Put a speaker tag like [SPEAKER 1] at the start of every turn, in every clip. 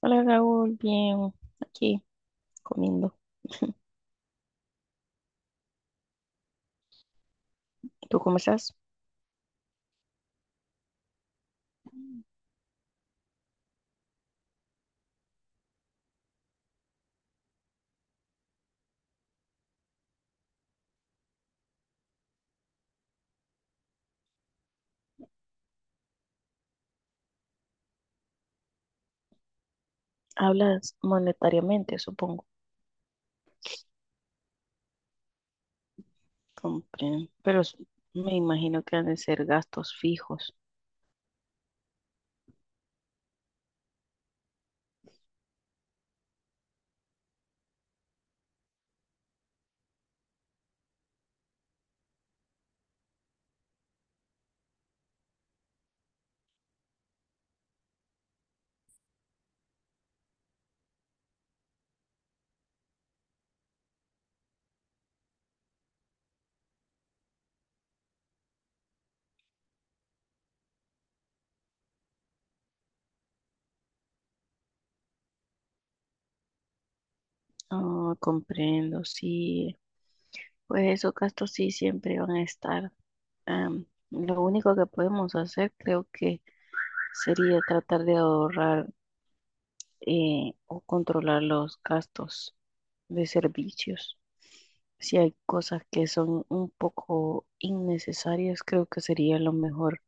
[SPEAKER 1] Hola Raúl, bien, aquí comiendo. ¿Tú cómo estás? Hablas monetariamente, supongo. Comprendo. Me imagino que han de ser gastos fijos. Ah, comprendo, sí. Pues esos gastos sí siempre van a estar. Am, lo único que podemos hacer creo que sería tratar de ahorrar o controlar los gastos de servicios. Si hay cosas que son un poco innecesarias, creo que sería lo mejor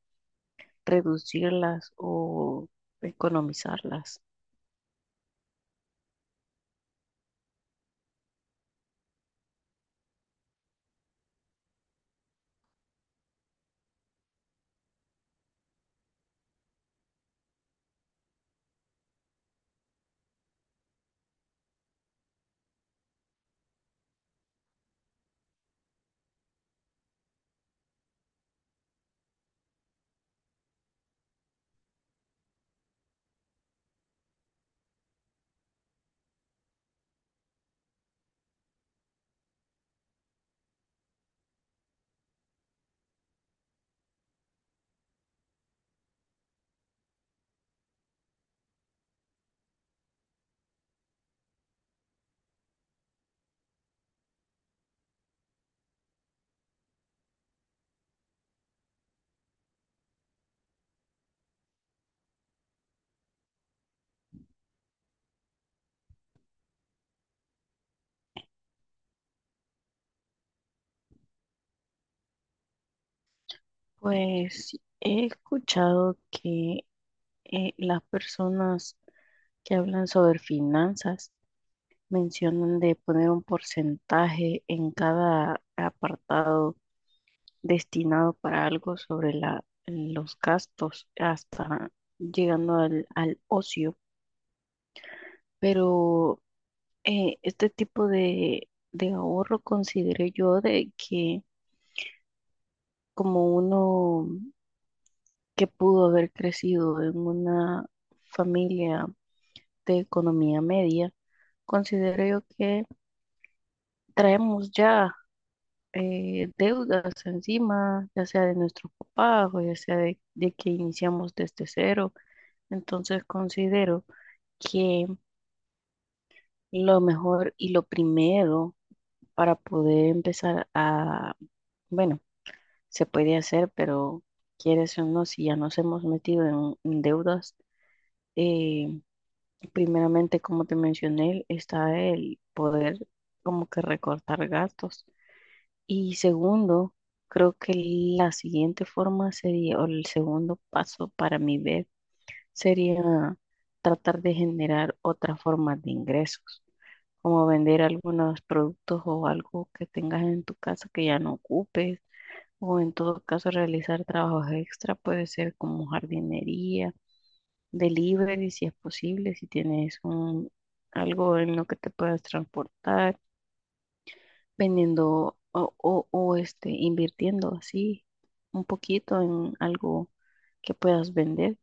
[SPEAKER 1] reducirlas o economizarlas. Pues he escuchado que las personas que hablan sobre finanzas mencionan de poner un porcentaje en cada apartado destinado para algo sobre los gastos, hasta llegando al ocio, pero este tipo de ahorro consideré yo de que como uno que pudo haber crecido en una familia de economía media, considero yo que traemos ya deudas encima, ya sea de nuestros papás o ya sea de, que iniciamos desde cero. Entonces considero que lo mejor y lo primero para poder empezar a, bueno, se puede hacer, pero quieres o no, si ya nos hemos metido en deudas, eh, primeramente, como te mencioné, está el poder como que recortar gastos. Y segundo, creo que la siguiente forma sería, o el segundo paso para mi ver, sería tratar de generar otra forma de ingresos, como vender algunos productos o algo que tengas en tu casa que ya no ocupes o en todo caso realizar trabajos extra, puede ser como jardinería, delivery si es posible, si tienes un, algo en lo que te puedas transportar, vendiendo o este, invirtiendo así un poquito en algo que puedas vender.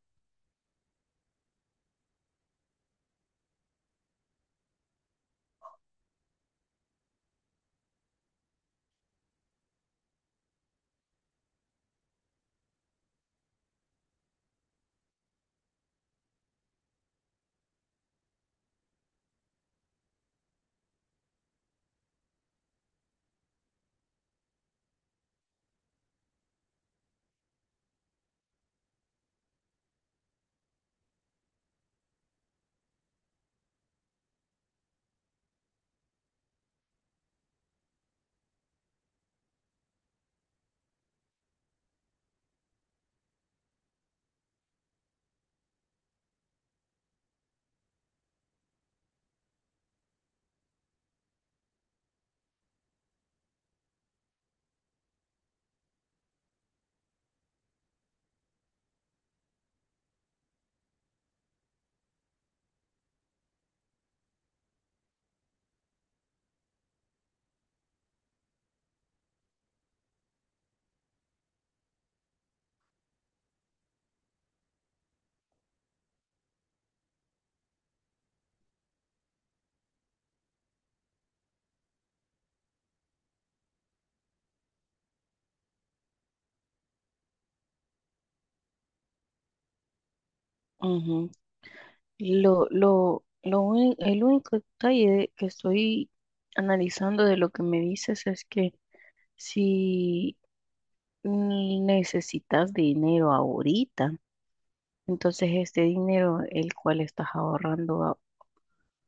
[SPEAKER 1] Ujú. El único detalle que estoy analizando de lo que me dices es que si necesitas dinero ahorita, entonces, este dinero, el cual estás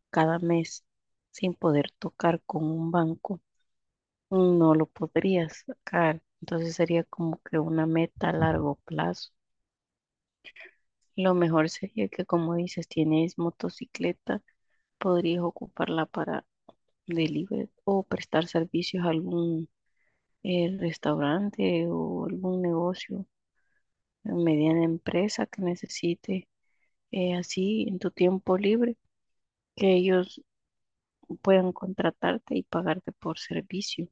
[SPEAKER 1] cada mes sin poder tocar con un banco, no lo podrías sacar. Entonces, sería como que una meta a largo plazo. Lo mejor sería que, como dices, tienes motocicleta, podrías ocuparla para delivery o prestar servicios a algún restaurante o algún negocio, mediana empresa que necesite así en tu tiempo libre que ellos puedan contratarte y pagarte por servicio.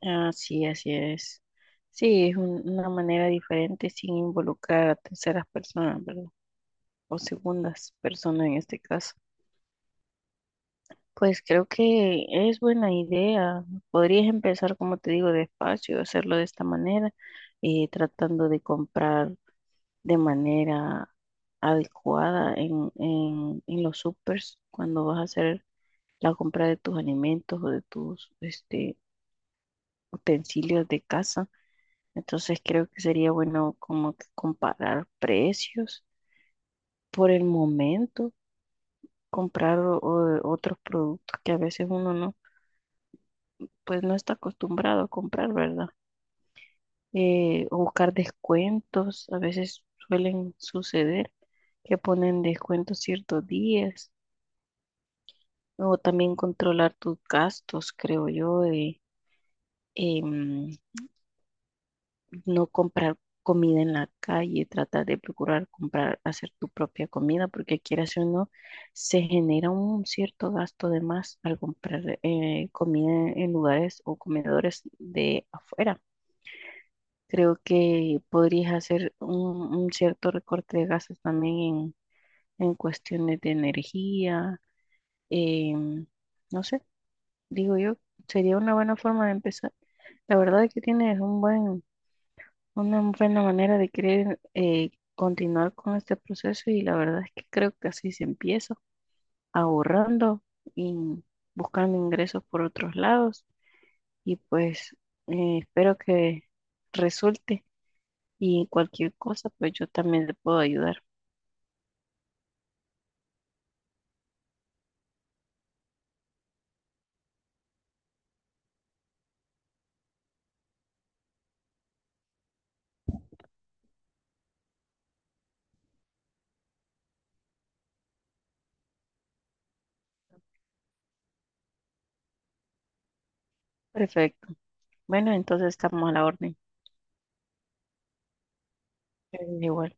[SPEAKER 1] Así, así es. Sí, es una manera diferente sin involucrar a terceras personas, ¿verdad? O segundas personas en este caso. Pues creo que es buena idea. Podrías empezar, como te digo, despacio, hacerlo de esta manera, tratando de comprar de manera adecuada en los supers cuando vas a hacer la compra de tus alimentos o de tus este, utensilios de casa. Entonces creo que sería bueno como que comparar precios por el momento, comprar otros productos que a veces uno no, pues no está acostumbrado a comprar, ¿verdad? O buscar descuentos, a veces suelen suceder que ponen descuentos ciertos días, o también controlar tus gastos, creo yo, em, no comprar comida en la calle, tratar de procurar comprar, hacer tu propia comida, porque quieras o no, se genera un cierto gasto de más al comprar comida en lugares o comedores de afuera. Creo que podrías hacer un cierto recorte de gastos también en cuestiones de energía, em, no sé, digo yo, sería una buena forma de empezar. La verdad es que tienes un buen. Una buena manera de querer continuar con este proceso y la verdad es que creo que así se empieza, ahorrando y buscando ingresos por otros lados y pues espero que resulte y cualquier cosa pues yo también le puedo ayudar. Perfecto. Bueno, entonces estamos a la orden. Igual.